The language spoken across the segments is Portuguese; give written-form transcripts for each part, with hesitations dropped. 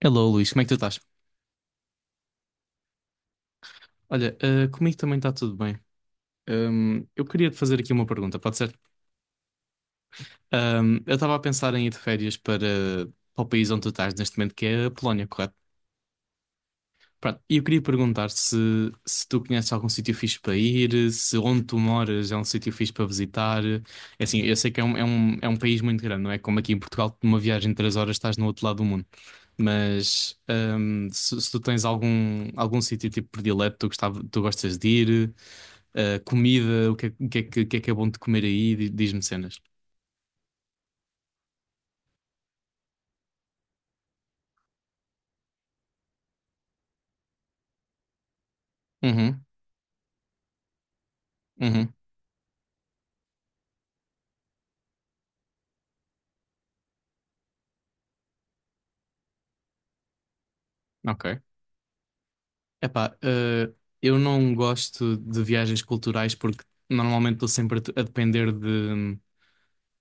Hello, Luís, como é que tu estás? Olha, comigo também está tudo bem. Eu queria te fazer aqui uma pergunta, pode ser? Eu estava a pensar em ir de férias para o país onde tu estás neste momento, que é a Polónia, correto? Pronto, e eu queria perguntar se tu conheces algum sítio fixe para ir, se onde tu moras é um sítio fixe para visitar. É assim, eu sei que é um país muito grande, não é? Como aqui em Portugal, que numa viagem de três horas estás no outro lado do mundo. Mas se tu tens algum sítio tipo predileto, tu gostas de ir. Comida, o que é bom de comer aí? Diz-me cenas. Uhum, uhum, ok. Epá, eu não gosto de viagens culturais porque normalmente estou sempre a depender de,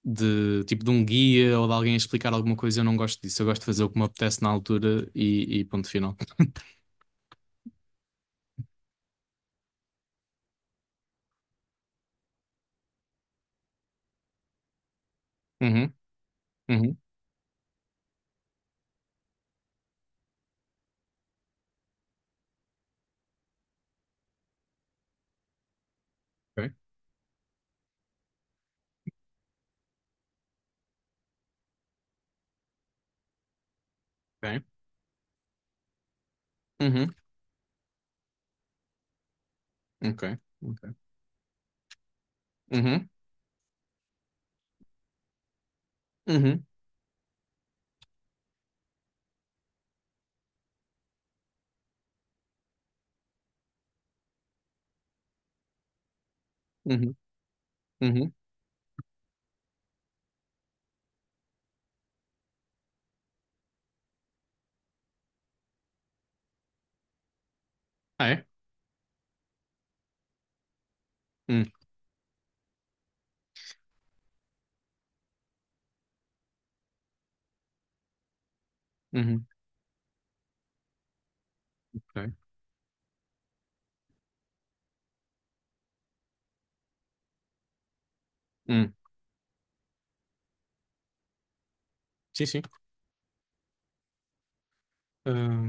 de, tipo, de um guia ou de alguém a explicar alguma coisa. Eu não gosto disso. Eu gosto de fazer o que me apetece na altura e ponto final. Uhum, uhum, ok, ok. Uhum, ok, ok. Uhum, uhum, uhum, uhum. Ah, é? Hum, uhum, ok. Hum, sim, sim. Ah,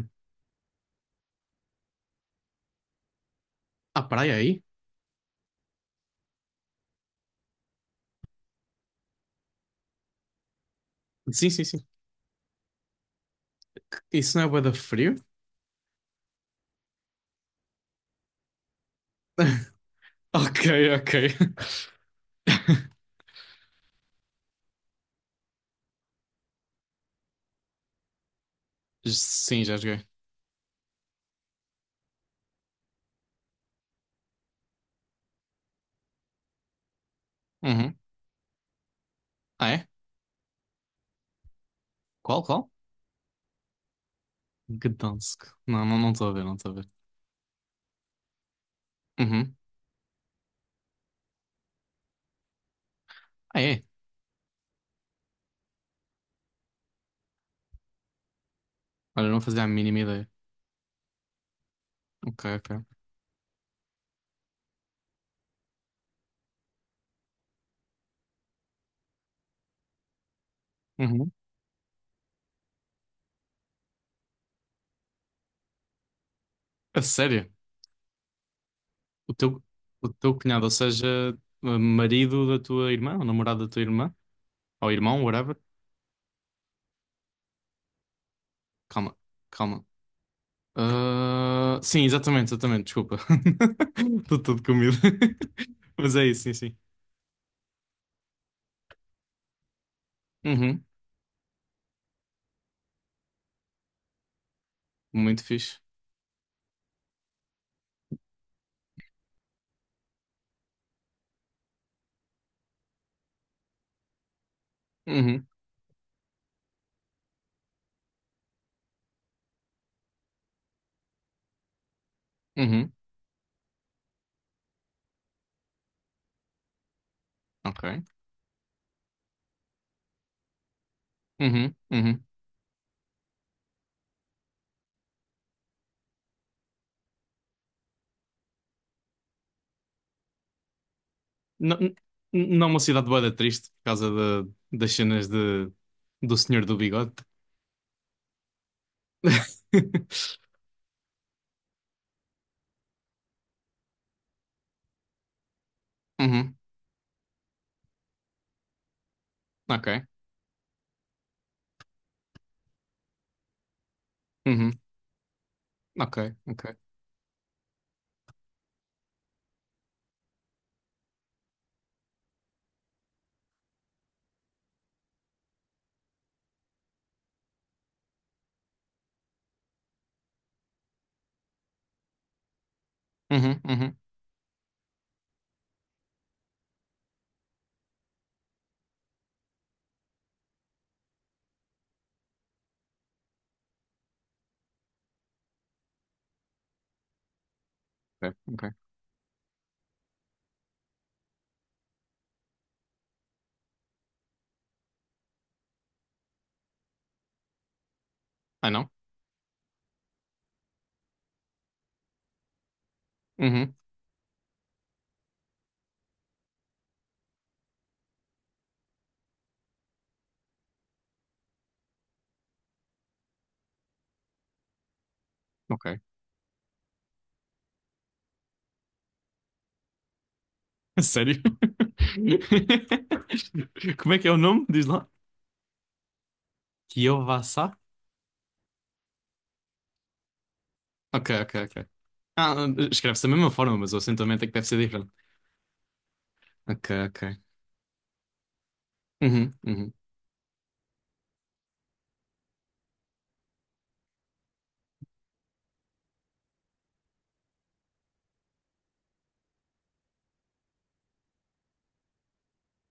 há praia aí? Sim, sim, sim. Isso não é bué da frio? Ok, ok. Sim, já joguei. Uhum. Ah, é? Qual, qual? Gdansk. Não, não, não estou a ver, não estou a ver. Uhum. Ah, é? Olha, não fazia a mínima ideia. Ok, ok. Uhum. A sério? O teu, o teu cunhado, ou seja, marido da tua irmã, ou namorado da tua irmã, ou irmão, whatever. Calma, calma. Ah, sim, exatamente, exatamente, desculpa. Estou todo comido. Mas é isso, sim, sim. Uhum. Muito fixe. Uhum. Uhum. Ok. Uhum, uhum. Não, não, uma cidade bué da triste por causa das cenas do Senhor do Bigode. Uhum, ok. Uhum, ok, ok. Uhum, uhum, ok, ok. Ah, não? Uhum, ok. Sério? Como é que é o nome? Diz lá. Kiyowaza? Ok, ok, ok. Ah, escreve-se da mesma forma, mas o acentuamento é que deve ser diferente. Ok, ok. Uhum, uhum.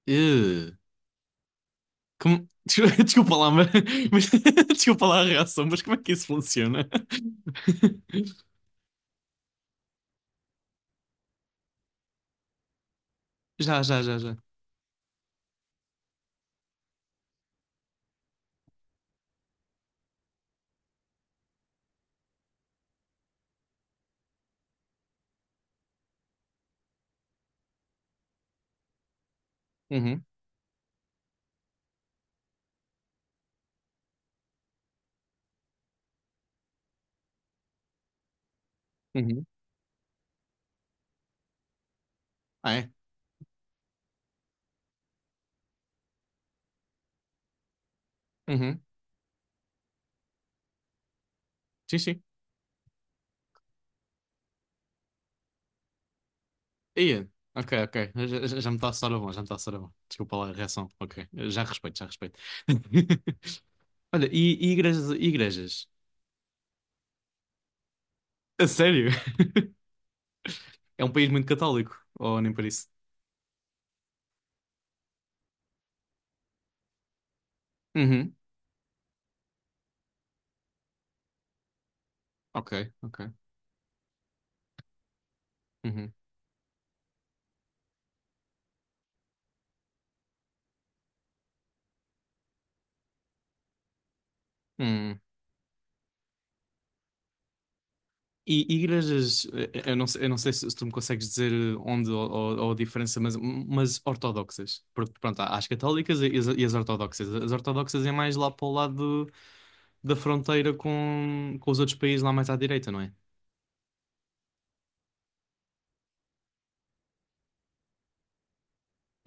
Ih. Como? Desculpa lá, mas... Mas... Desculpa lá a reação, mas como é que isso funciona? Já, já, já, já. Uhum, uhum. Ah, é? Uhum. Sim, sim. Ia. Ok, ok. Já me está a soar a bom, já me está a soar a bom. Desculpa lá a reação. Ok. Já respeito, já respeito. Olha, e igrejas, e igrejas? A sério? É um país muito católico, ou nem por isso? Uhum. Ok, ok. Uhum. Hum. E igrejas, eu não sei se tu me consegues dizer onde ou a diferença, mas ortodoxas. Porque, pronto, há as católicas e as ortodoxas. As ortodoxas é mais lá para o lado da fronteira com os outros países lá mais à direita, não é?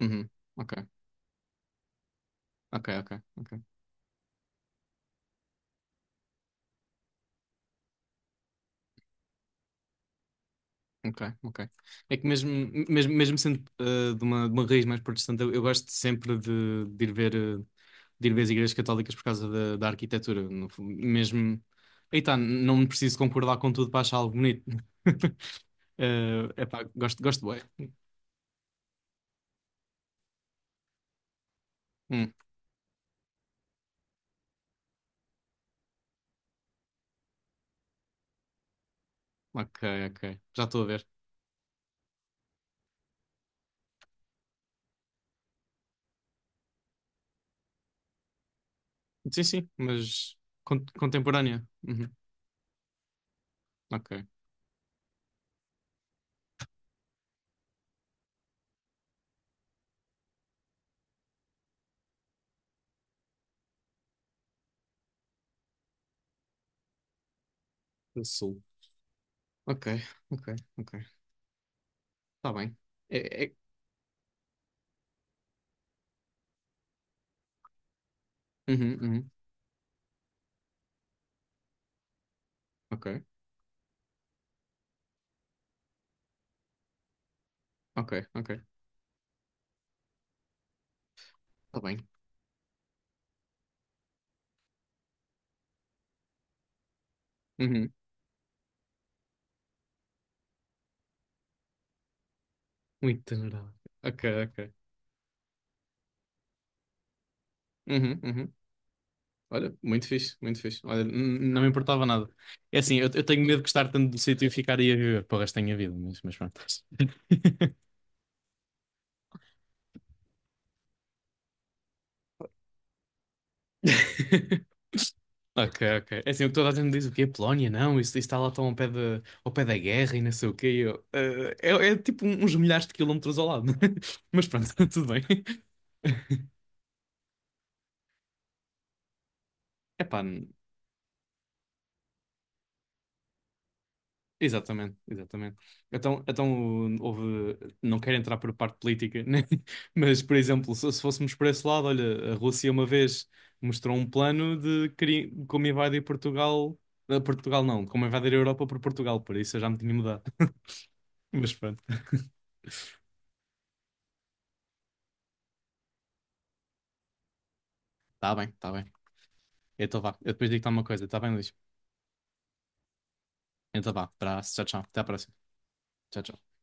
Uhum. Ok, ok, ok, ok. Ok, ok. É que mesmo sendo de uma raiz mais protestante, eu gosto sempre de ir ver, de ir ver as igrejas católicas por causa da arquitetura. No fu- Mesmo. Aí tá, não preciso concordar com tudo para achar algo bonito. Epá, gosto, gosto bem. Hum, ok, ok. Já estou a ver. Sim, sim, mas contemporânea. Uhum, ok. Do Sul. Ok, ok, ok. Está bem. É, é... Uhum, uhum. Ok, ok, ok. Está bem. Uhum. Muito tenurada. Ok, ok. Uhum, uhum. Olha, muito fixe, muito fixe. Olha, não me importava nada. É assim, eu tenho medo de gostar tanto do sítio e ficar aí a viver para o resto da minha vida, mas pronto. Ok, ok. É assim, o que toda a gente diz o quê? Polónia, não, isso está lá tão ao pé, ao pé da guerra e não sei o quê. E eu, é tipo uns milhares de quilómetros ao lado. Mas pronto, tudo bem. Epá, exatamente, exatamente. Então, então não quero entrar por parte política, né? Mas, por exemplo, se fôssemos por esse lado, olha, a Rússia uma vez mostrou um plano como invadir Portugal, Portugal não, de como invadir a Europa por Portugal, por isso eu já me tinha mudado. Mas pronto, está bem, tá bem. Então vá, eu depois digo-te uma coisa, tá bem, Luís? Então vá, abraço, tchau, tchau, até à próxima. Tchau, tchau.